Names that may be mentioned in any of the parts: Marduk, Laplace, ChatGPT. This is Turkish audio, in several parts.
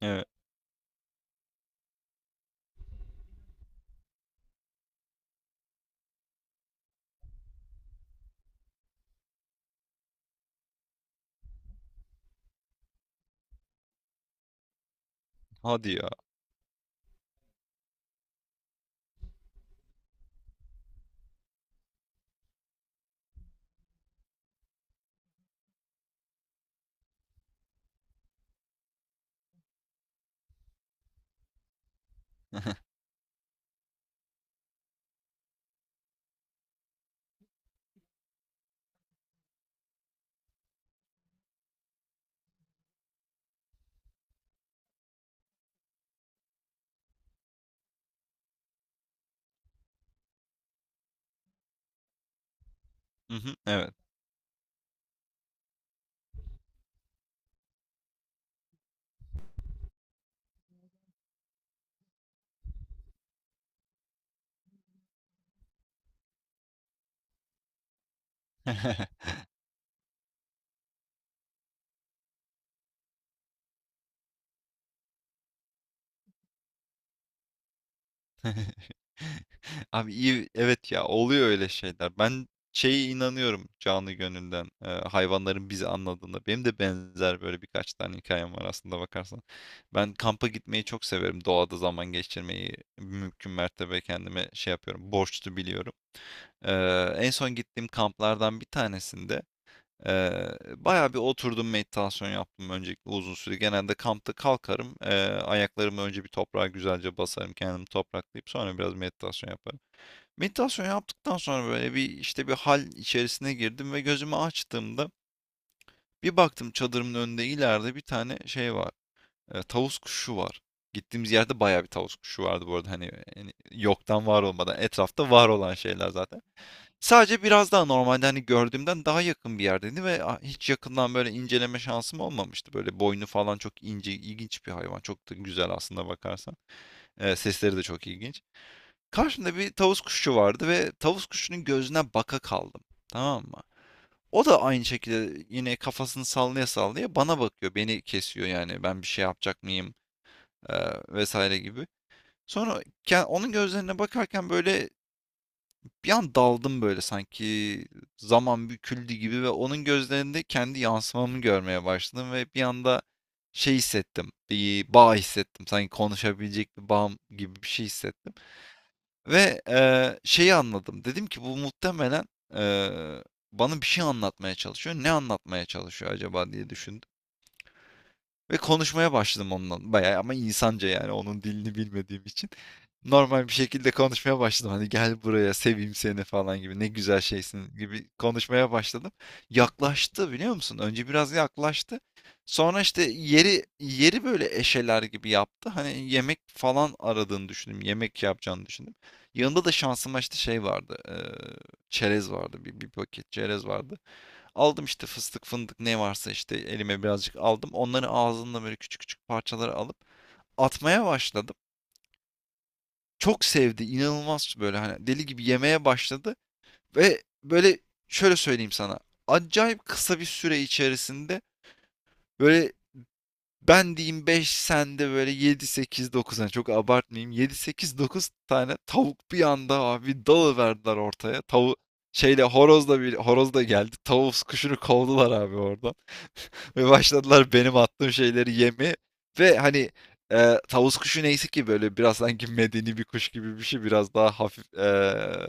Evet. Hadi ya. Hı hı, evet. Abi iyi, evet ya, oluyor öyle şeyler. Ben şeye inanıyorum canı gönülden, hayvanların bizi anladığında. Benim de benzer böyle birkaç tane hikayem var aslında bakarsan. Ben kampa gitmeyi çok severim. Doğada zaman geçirmeyi mümkün mertebe kendime şey yapıyorum. Borçlu biliyorum. Ee, En son gittiğim kamplardan bir tanesinde Eee bayağı bir oturdum, meditasyon yaptım öncelikle uzun süre. Genelde kampta kalkarım. Ayaklarımı önce bir toprağa güzelce basarım. Kendimi topraklayıp sonra biraz meditasyon yaparım. Meditasyon yaptıktan sonra böyle bir işte bir hal içerisine girdim ve gözümü açtığımda bir baktım, çadırımın önünde ileride bir tane şey var. Tavus kuşu var. Gittiğimiz yerde bayağı bir tavus kuşu vardı bu arada. Hani, hani yoktan var olmadan etrafta var olan şeyler zaten. Sadece biraz daha normalde, hani, gördüğümden daha yakın bir yerdeydi ve a hiç yakından, böyle, inceleme şansım olmamıştı. Böyle, boynu falan çok ince, ilginç bir hayvan. Çok da güzel aslında bakarsan. Sesleri de çok ilginç. Karşımda bir tavus kuşu vardı ve tavus kuşunun gözüne baka kaldım, tamam mı? O da aynı şekilde yine kafasını sallaya sallaya bana bakıyor, beni kesiyor, yani ben bir şey yapacak mıyım, vs. gibi. Sonra onun gözlerine bakarken, böyle, bir an daldım, böyle sanki zaman büküldü gibi ve onun gözlerinde kendi yansımamı görmeye başladım ve bir anda şey hissettim. Bir bağ hissettim. Sanki konuşabilecek bir bağım gibi bir şey hissettim. Ve şeyi anladım. Dedim ki bu muhtemelen eee, bana bir şey anlatmaya çalışıyor. Ne anlatmaya çalışıyor acaba diye düşündüm. Ve konuşmaya başladım ondan bayağı, ama insanca yani, onun dilini bilmediğim için. Normal bir şekilde konuşmaya başladım. Hani gel buraya seveyim seni falan gibi, ne güzel şeysin gibi konuşmaya başladım. Yaklaştı biliyor musun? Önce biraz yaklaştı. Sonra işte yeri yeri böyle eşeler gibi yaptı. Hani yemek falan aradığını düşündüm. Yemek yapacağını düşündüm. Yanında da şansıma işte şey vardı. Çerez vardı. Bir paket çerez vardı. Aldım işte fıstık fındık ne varsa işte elime birazcık aldım. Onları ağzımla böyle küçük küçük parçalara alıp atmaya başladım. Çok sevdi. İnanılmaz böyle, hani deli gibi yemeye başladı. Ve böyle şöyle söyleyeyim sana. Acayip kısa bir süre içerisinde böyle, ben diyeyim 5 sende böyle 7 8 dokuz, hani çok abartmayayım, 7 sekiz 9 tane tavuk bir anda abi dalıverdiler ortaya. Şeyle horozla, bir horoz da geldi. Tavus kuşunu kovdular abi orada. Ve başladılar benim attığım şeyleri yeme. Ve hani, tavus kuşu neyse ki böyle biraz sanki medeni bir kuş gibi bir şey, biraz daha hafif, eee,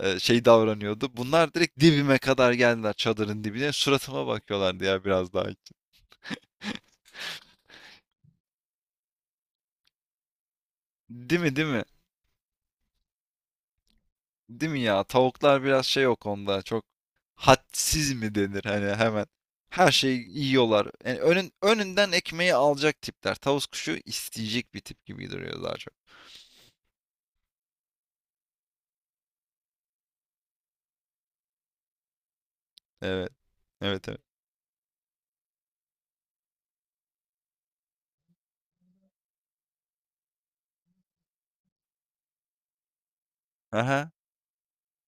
eee, şey davranıyordu. Bunlar direkt dibime kadar geldiler, çadırın dibine. Suratıma bakıyorlardı ya biraz daha. Değil mi, değil mi? Değil mi ya? Tavuklar biraz şey o konuda, çok hadsiz mi denir hani, hemen. Her şeyi yiyorlar. Yani önünden ekmeği alacak tipler. Tavus kuşu isteyecek bir tip gibi duruyor daha çok. Evet. Evet, evet. Aha.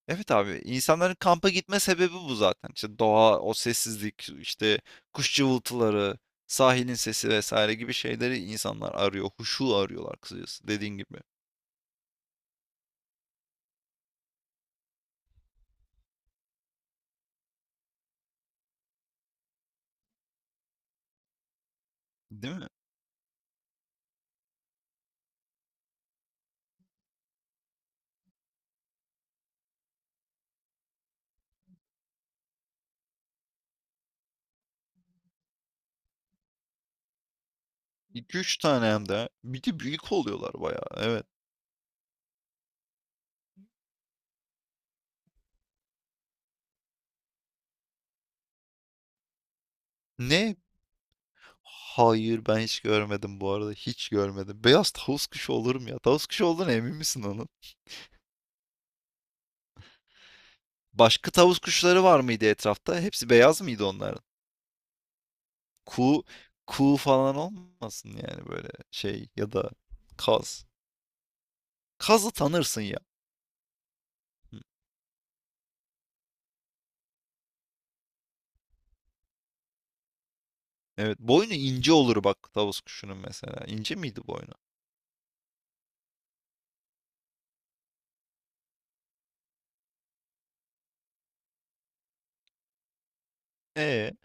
Evet abi, insanların kampa gitme sebebi bu zaten. İşte doğa, o sessizlik, işte kuş cıvıltıları, sahilin sesi vesaire gibi şeyleri insanlar arıyor. Huşu arıyorlar kısacası, dediğin gibi. Değil mi? 2 üç tane hem de. Bir de büyük oluyorlar bayağı. Evet. Ne? Hayır ben hiç görmedim bu arada. Hiç görmedim. Beyaz tavus kuşu olur mu ya? Tavus kuşu olduğuna emin misin onun? Başka tavus kuşları var mıydı etrafta? Hepsi beyaz mıydı onlar? Ku, ku falan olmasın yani, böyle şey, ya da kaz. Kazı tanırsın ya. Hı. Evet, boynu ince olur bak tavus kuşunun mesela. İnce miydi boynu? E,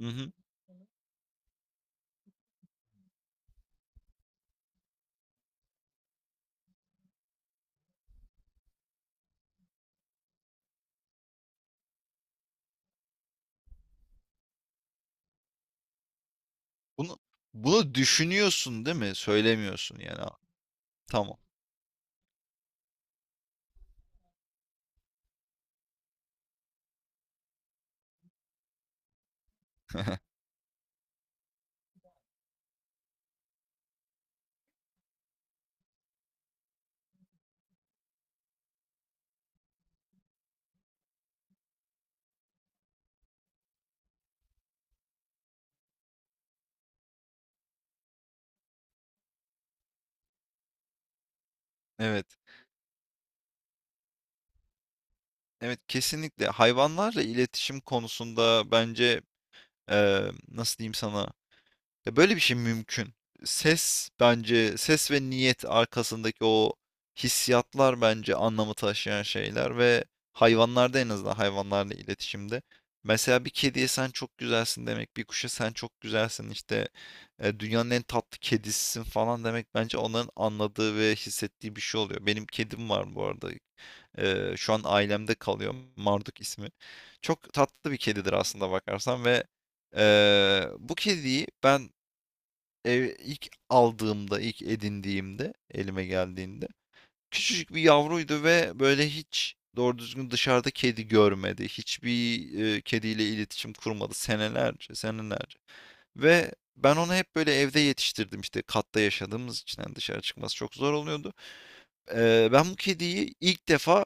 hı hı. Bunu bunu düşünüyorsun değil mi? Söylemiyorsun yani. Aa, tamam. Evet. Evet, kesinlikle hayvanlarla iletişim konusunda bence nasıl diyeyim sana, ya böyle bir şey mümkün. Ses bence, ses ve niyet arkasındaki o hissiyatlar bence anlamı taşıyan şeyler ve hayvanlarda, en azından hayvanlarla iletişimde. Mesela bir kediye sen çok güzelsin demek, bir kuşa sen çok güzelsin işte, dünyanın en tatlı kedisisin falan demek, bence onların anladığı ve hissettiği bir şey oluyor. Benim kedim var bu arada. Şu an ailemde kalıyor. Marduk ismi. Çok tatlı bir kedidir aslında bakarsan ve bu kediyi ben ev ilk aldığımda, ilk edindiğimde, elime geldiğinde küçücük bir yavruydu ve böyle hiç doğru düzgün dışarıda kedi görmedi. Hiçbir kediyle iletişim kurmadı senelerce, senelerce. Ve ben onu hep böyle evde yetiştirdim, işte katta yaşadığımız için yani dışarı çıkması çok zor oluyordu. Ben bu kediyi ilk defa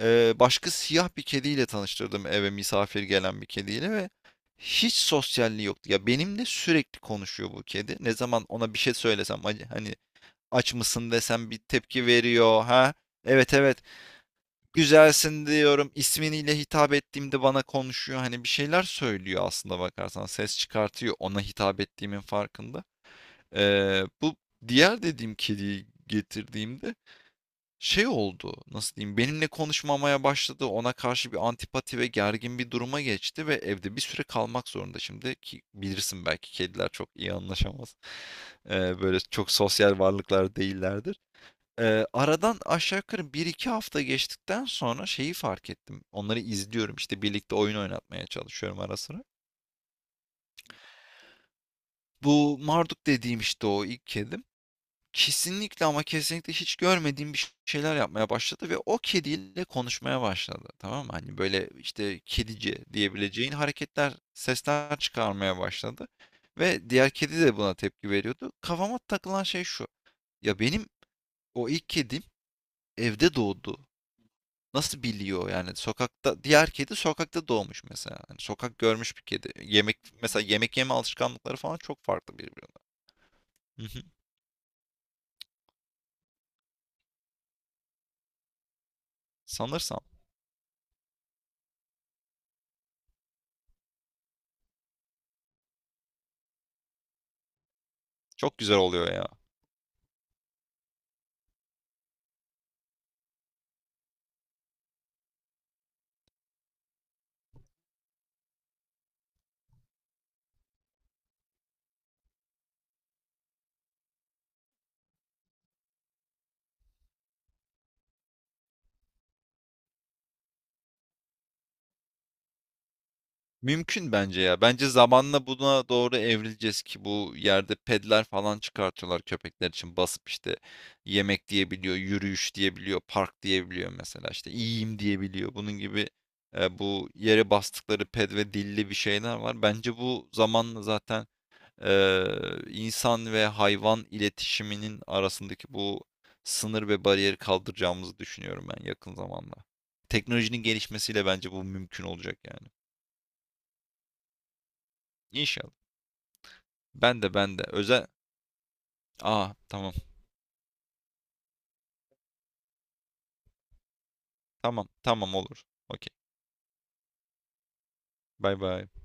başka siyah bir kediyle tanıştırdım, eve misafir gelen bir kediyle, ve hiç sosyalliği yoktu. Ya benimle sürekli konuşuyor bu kedi. Ne zaman ona bir şey söylesem, hani hani aç mısın desem bir tepki veriyor. Ha? Evet evet, güzelsin diyorum. İsminiyle hitap ettiğimde bana konuşuyor. Hani bir şeyler söylüyor aslında bakarsan. Ses çıkartıyor, ona hitap ettiğimin farkında. Bu diğer dediğim kediyi getirdiğimde şey oldu, nasıl diyeyim, benimle konuşmamaya başladı, ona karşı bir antipati ve gergin bir duruma geçti ve evde bir süre kalmak zorunda. Şimdi ki bilirsin belki, kediler çok iyi anlaşamaz. Böyle çok sosyal varlıklar değillerdir. Aradan aşağı yukarı bir iki hafta geçtikten sonra şeyi fark ettim, onları izliyorum işte birlikte, oyun oynatmaya çalışıyorum ara sıra. Bu Marduk dediğim işte o ilk kedim. Kesinlikle ama kesinlikle hiç görmediğim bir şeyler yapmaya başladı ve o kediyle konuşmaya başladı. Tamam mı? Hani, böyle, işte kedice diyebileceğin hareketler, sesler çıkarmaya başladı ve diğer kedi de buna tepki veriyordu. Kafama takılan şey şu: ya, benim o ilk kedim evde doğdu. Nasıl biliyor? Yani sokakta, diğer kedi sokakta doğmuş mesela. Hani sokak görmüş bir kedi. Yemek mesela, yemek yeme alışkanlıkları falan çok farklı birbirinden. Hı hı. Sanırsam. Çok güzel oluyor ya. Mümkün bence ya. Bence zamanla buna doğru evrileceğiz, ki bu yerde pedler falan çıkartıyorlar köpekler için, basıp işte yemek diyebiliyor, yürüyüş diyebiliyor, park diyebiliyor mesela, işte iyiyim diyebiliyor. Bunun gibi bu yere bastıkları ped ve dilli bir şeyler var. Bence bu zamanla zaten e, insan ve hayvan iletişiminin arasındaki bu sınır ve bariyeri kaldıracağımızı düşünüyorum ben, yakın zamanda. Teknolojinin gelişmesiyle bence bu mümkün olacak yani. İnşallah. Ben de, ben de. Özel. Aa, tamam. Tamam tamam, olur. Okey. Bye bye.